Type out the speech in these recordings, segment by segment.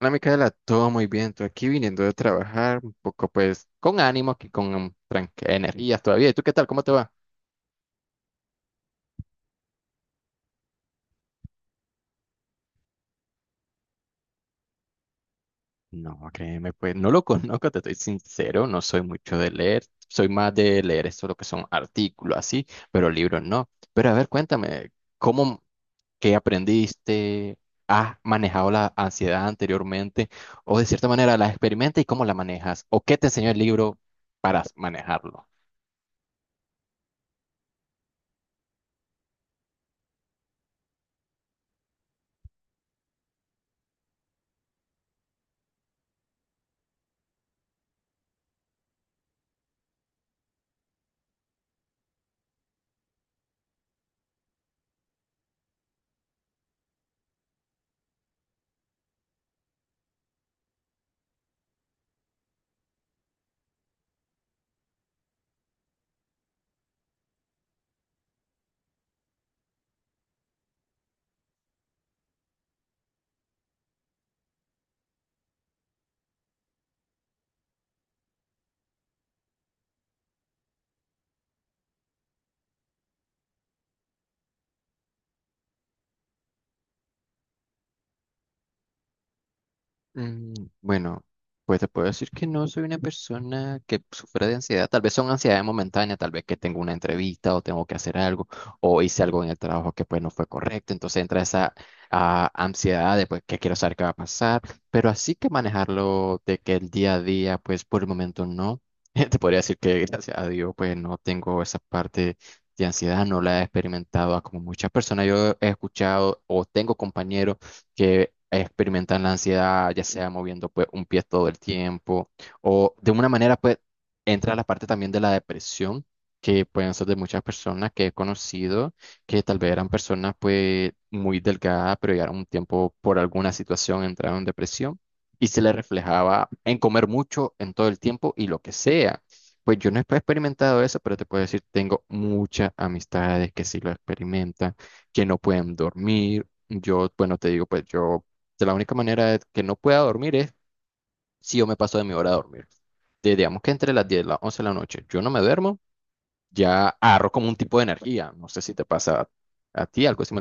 Hola Micaela, todo muy bien. Tú aquí viniendo de trabajar un poco, pues con ánimo, aquí con energías todavía. ¿Y tú qué tal? ¿Cómo te va? No, créeme, pues no lo conozco, te estoy sincero, no soy mucho de leer, soy más de leer esto, lo que son artículos así, pero libros no. Pero a ver, cuéntame, ¿cómo que aprendiste? ¿Has manejado la ansiedad anteriormente? ¿O de cierta manera la experimentas y cómo la manejas? ¿O qué te enseñó el libro para manejarlo? Mm. Bueno, pues te puedo decir que no soy una persona que sufre de ansiedad. Tal vez son ansiedades momentáneas, tal vez que tengo una entrevista o tengo que hacer algo o hice algo en el trabajo que pues no fue correcto. Entonces entra esa ansiedad de pues que quiero saber qué va a pasar. Pero así que manejarlo de que el día a día, pues por el momento no. Te podría decir que gracias a Dios pues no tengo esa parte de ansiedad, no la he experimentado como muchas personas. Yo he escuchado o tengo compañeros que experimentan la ansiedad, ya sea moviendo pues un pie todo el tiempo o de una manera pues entra la parte también de la depresión, que pueden ser de muchas personas que he conocido, que tal vez eran personas pues muy delgadas pero llegaron un tiempo por alguna situación, entraron en depresión y se les reflejaba en comer mucho en todo el tiempo y lo que sea. Pues yo no he experimentado eso, pero te puedo decir, tengo muchas amistades que sí lo experimentan, que no pueden dormir. Yo, bueno, te digo, pues yo, de la única manera de que no pueda dormir es si yo me paso de mi hora de dormir. Digamos que entre las 10 y las 11 de la noche yo no me duermo, ya agarro como un tipo de energía. No sé si te pasa a ti algo así.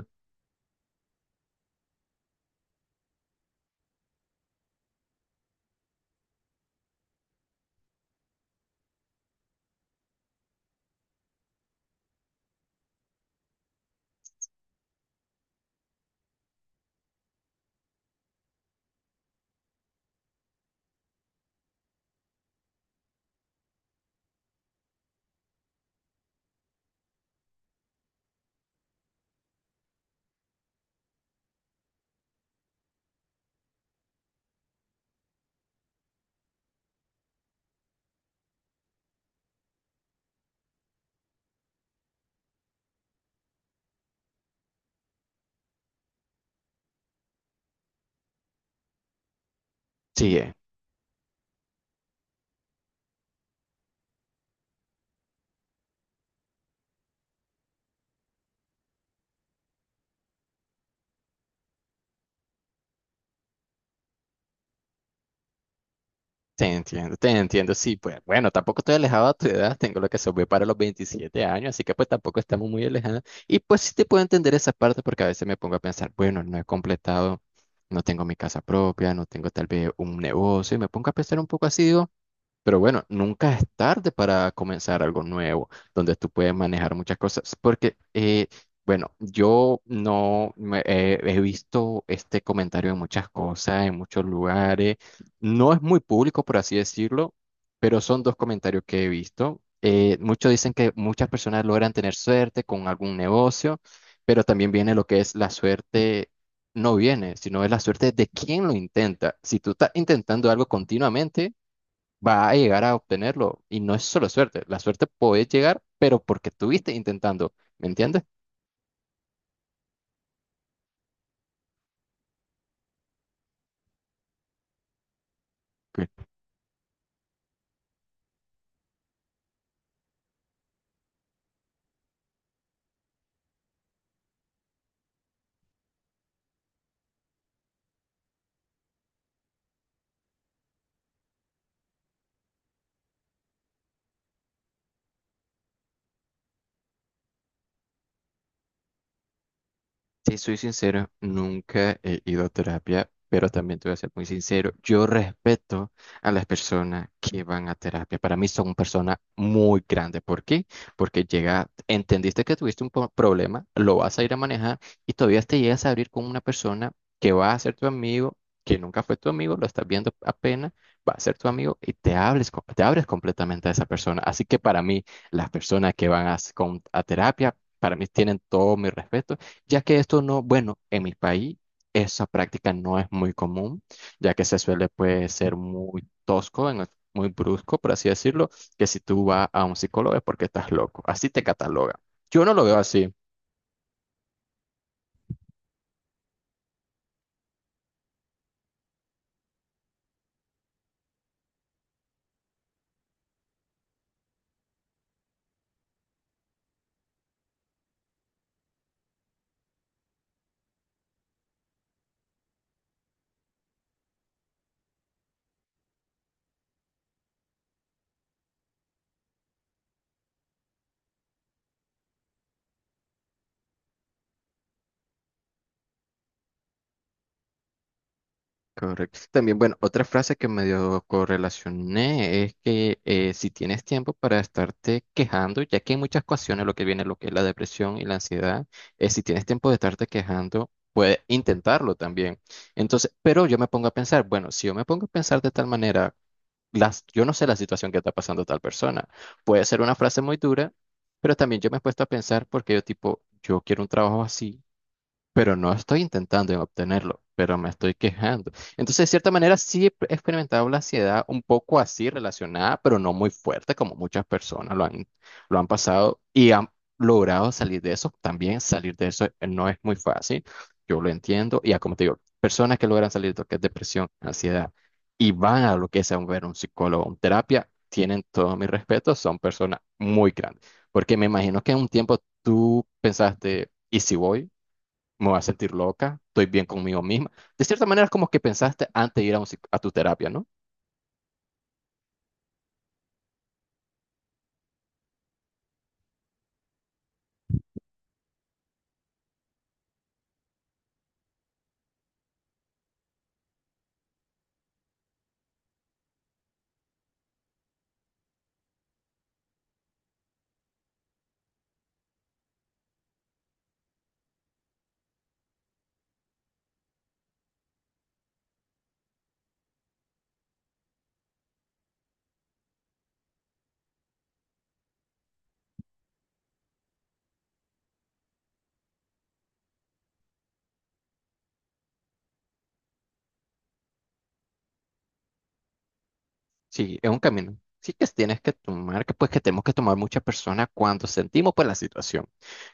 Sí, te entiendo, te entiendo. Sí, pues bueno, tampoco estoy alejado a tu edad, tengo lo que se ve para los 27 años, así que pues tampoco estamos muy alejados. Y pues sí te puedo entender esa parte, porque a veces me pongo a pensar, bueno, no he completado. No tengo mi casa propia, no tengo tal vez un negocio, y me pongo a pensar un poco así, digo, pero bueno, nunca es tarde para comenzar algo nuevo, donde tú puedes manejar muchas cosas, porque, bueno, yo no me- he visto este comentario en muchas cosas, en muchos lugares. No es muy público, por así decirlo, pero son dos comentarios que he visto. Muchos dicen que muchas personas logran tener suerte con algún negocio, pero también viene lo que es la suerte. No viene, sino es la suerte de quien lo intenta. Si tú estás intentando algo continuamente, va a llegar a obtenerlo. Y no es solo suerte, la suerte puede llegar, pero porque estuviste intentando, ¿me entiendes? Si soy sincero, nunca he ido a terapia, pero también te voy a ser muy sincero, yo respeto a las personas que van a terapia. Para mí son personas muy grandes. ¿Por qué? Porque llega, entendiste que tuviste un problema, lo vas a ir a manejar y todavía te llegas a abrir con una persona que va a ser tu amigo, que nunca fue tu amigo, lo estás viendo apenas, va a ser tu amigo y te hables, te abres completamente a esa persona. Así que para mí, las personas que van a, a terapia, para mí tienen todo mi respeto, ya que esto no, bueno, en mi país esa práctica no es muy común, ya que se suele pues ser muy tosco, en muy brusco, por así decirlo, que si tú vas a un psicólogo es porque estás loco, así te cataloga. Yo no lo veo así. Correcto. También, bueno, otra frase que medio correlacioné es que, si tienes tiempo para estarte quejando, ya que en muchas ocasiones lo que viene, lo que es la depresión y la ansiedad, es si tienes tiempo de estarte quejando, puedes intentarlo también. Entonces, pero yo me pongo a pensar, bueno, si yo me pongo a pensar de tal manera, las, yo no sé la situación que está pasando tal persona. Puede ser una frase muy dura, pero también yo me he puesto a pensar porque yo tipo, yo quiero un trabajo así pero no estoy intentando en obtenerlo, pero me estoy quejando. Entonces, de cierta manera, sí he experimentado la ansiedad un poco así relacionada, pero no muy fuerte como muchas personas lo han pasado y han logrado salir de eso. También salir de eso, no es muy fácil, yo lo entiendo. Y ya, como te digo, personas que logran salir de lo que es depresión, ansiedad y van a lo que es a ver un psicólogo, un terapia, tienen todo mi respeto, son personas muy grandes. Porque me imagino que en un tiempo tú pensaste, ¿y si voy? Me voy a sentir loca, estoy bien conmigo misma. De cierta manera es como que pensaste antes de ir a tu terapia, ¿no? Sí, es un camino. Sí que tienes que tomar, que pues que tenemos que tomar muchas personas cuando sentimos pues la situación.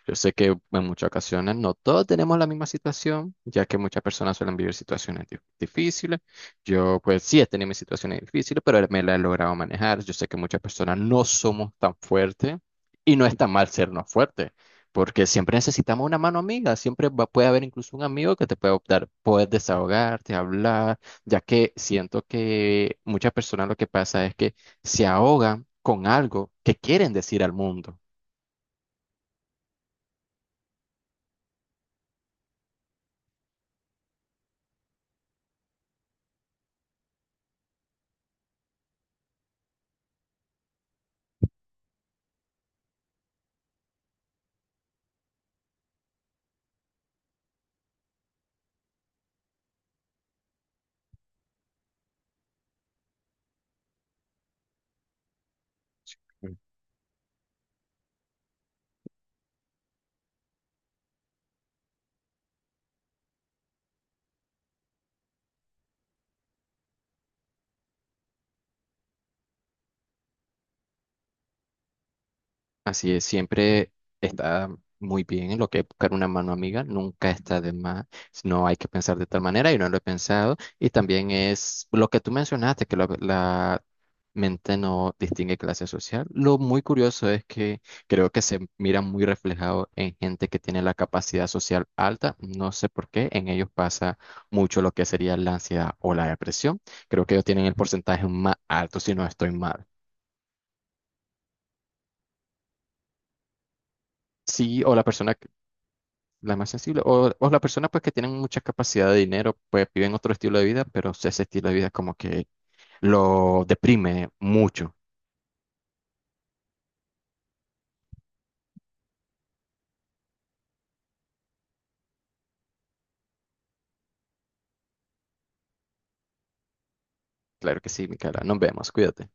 Yo sé que en muchas ocasiones no todos tenemos la misma situación, ya que muchas personas suelen vivir situaciones difíciles. Yo pues sí he tenido mis situaciones difíciles, pero me la he logrado manejar. Yo sé que muchas personas no somos tan fuertes, y no es tan mal sernos fuertes, porque siempre necesitamos una mano amiga. Siempre puede haber incluso un amigo que te puede dar poder desahogarte, hablar, ya que siento que muchas personas lo que pasa es que se ahogan con algo que quieren decir al mundo. Así es, siempre está muy bien lo que es buscar una mano amiga, nunca está de más, no hay que pensar de tal manera y no lo he pensado. Y también es lo que tú mencionaste, que la mente no distingue clase social. Lo muy curioso es que creo que se mira muy reflejado en gente que tiene la capacidad social alta, no sé por qué, en ellos pasa mucho lo que sería la ansiedad o la depresión. Creo que ellos tienen el porcentaje más alto, si no estoy mal. Sí, o la persona la más sensible. O las personas pues que tienen mucha capacidad de dinero, pues viven otro estilo de vida, pero si ese estilo de vida como que lo deprime mucho. Claro que sí, Micaela. Nos vemos. Cuídate.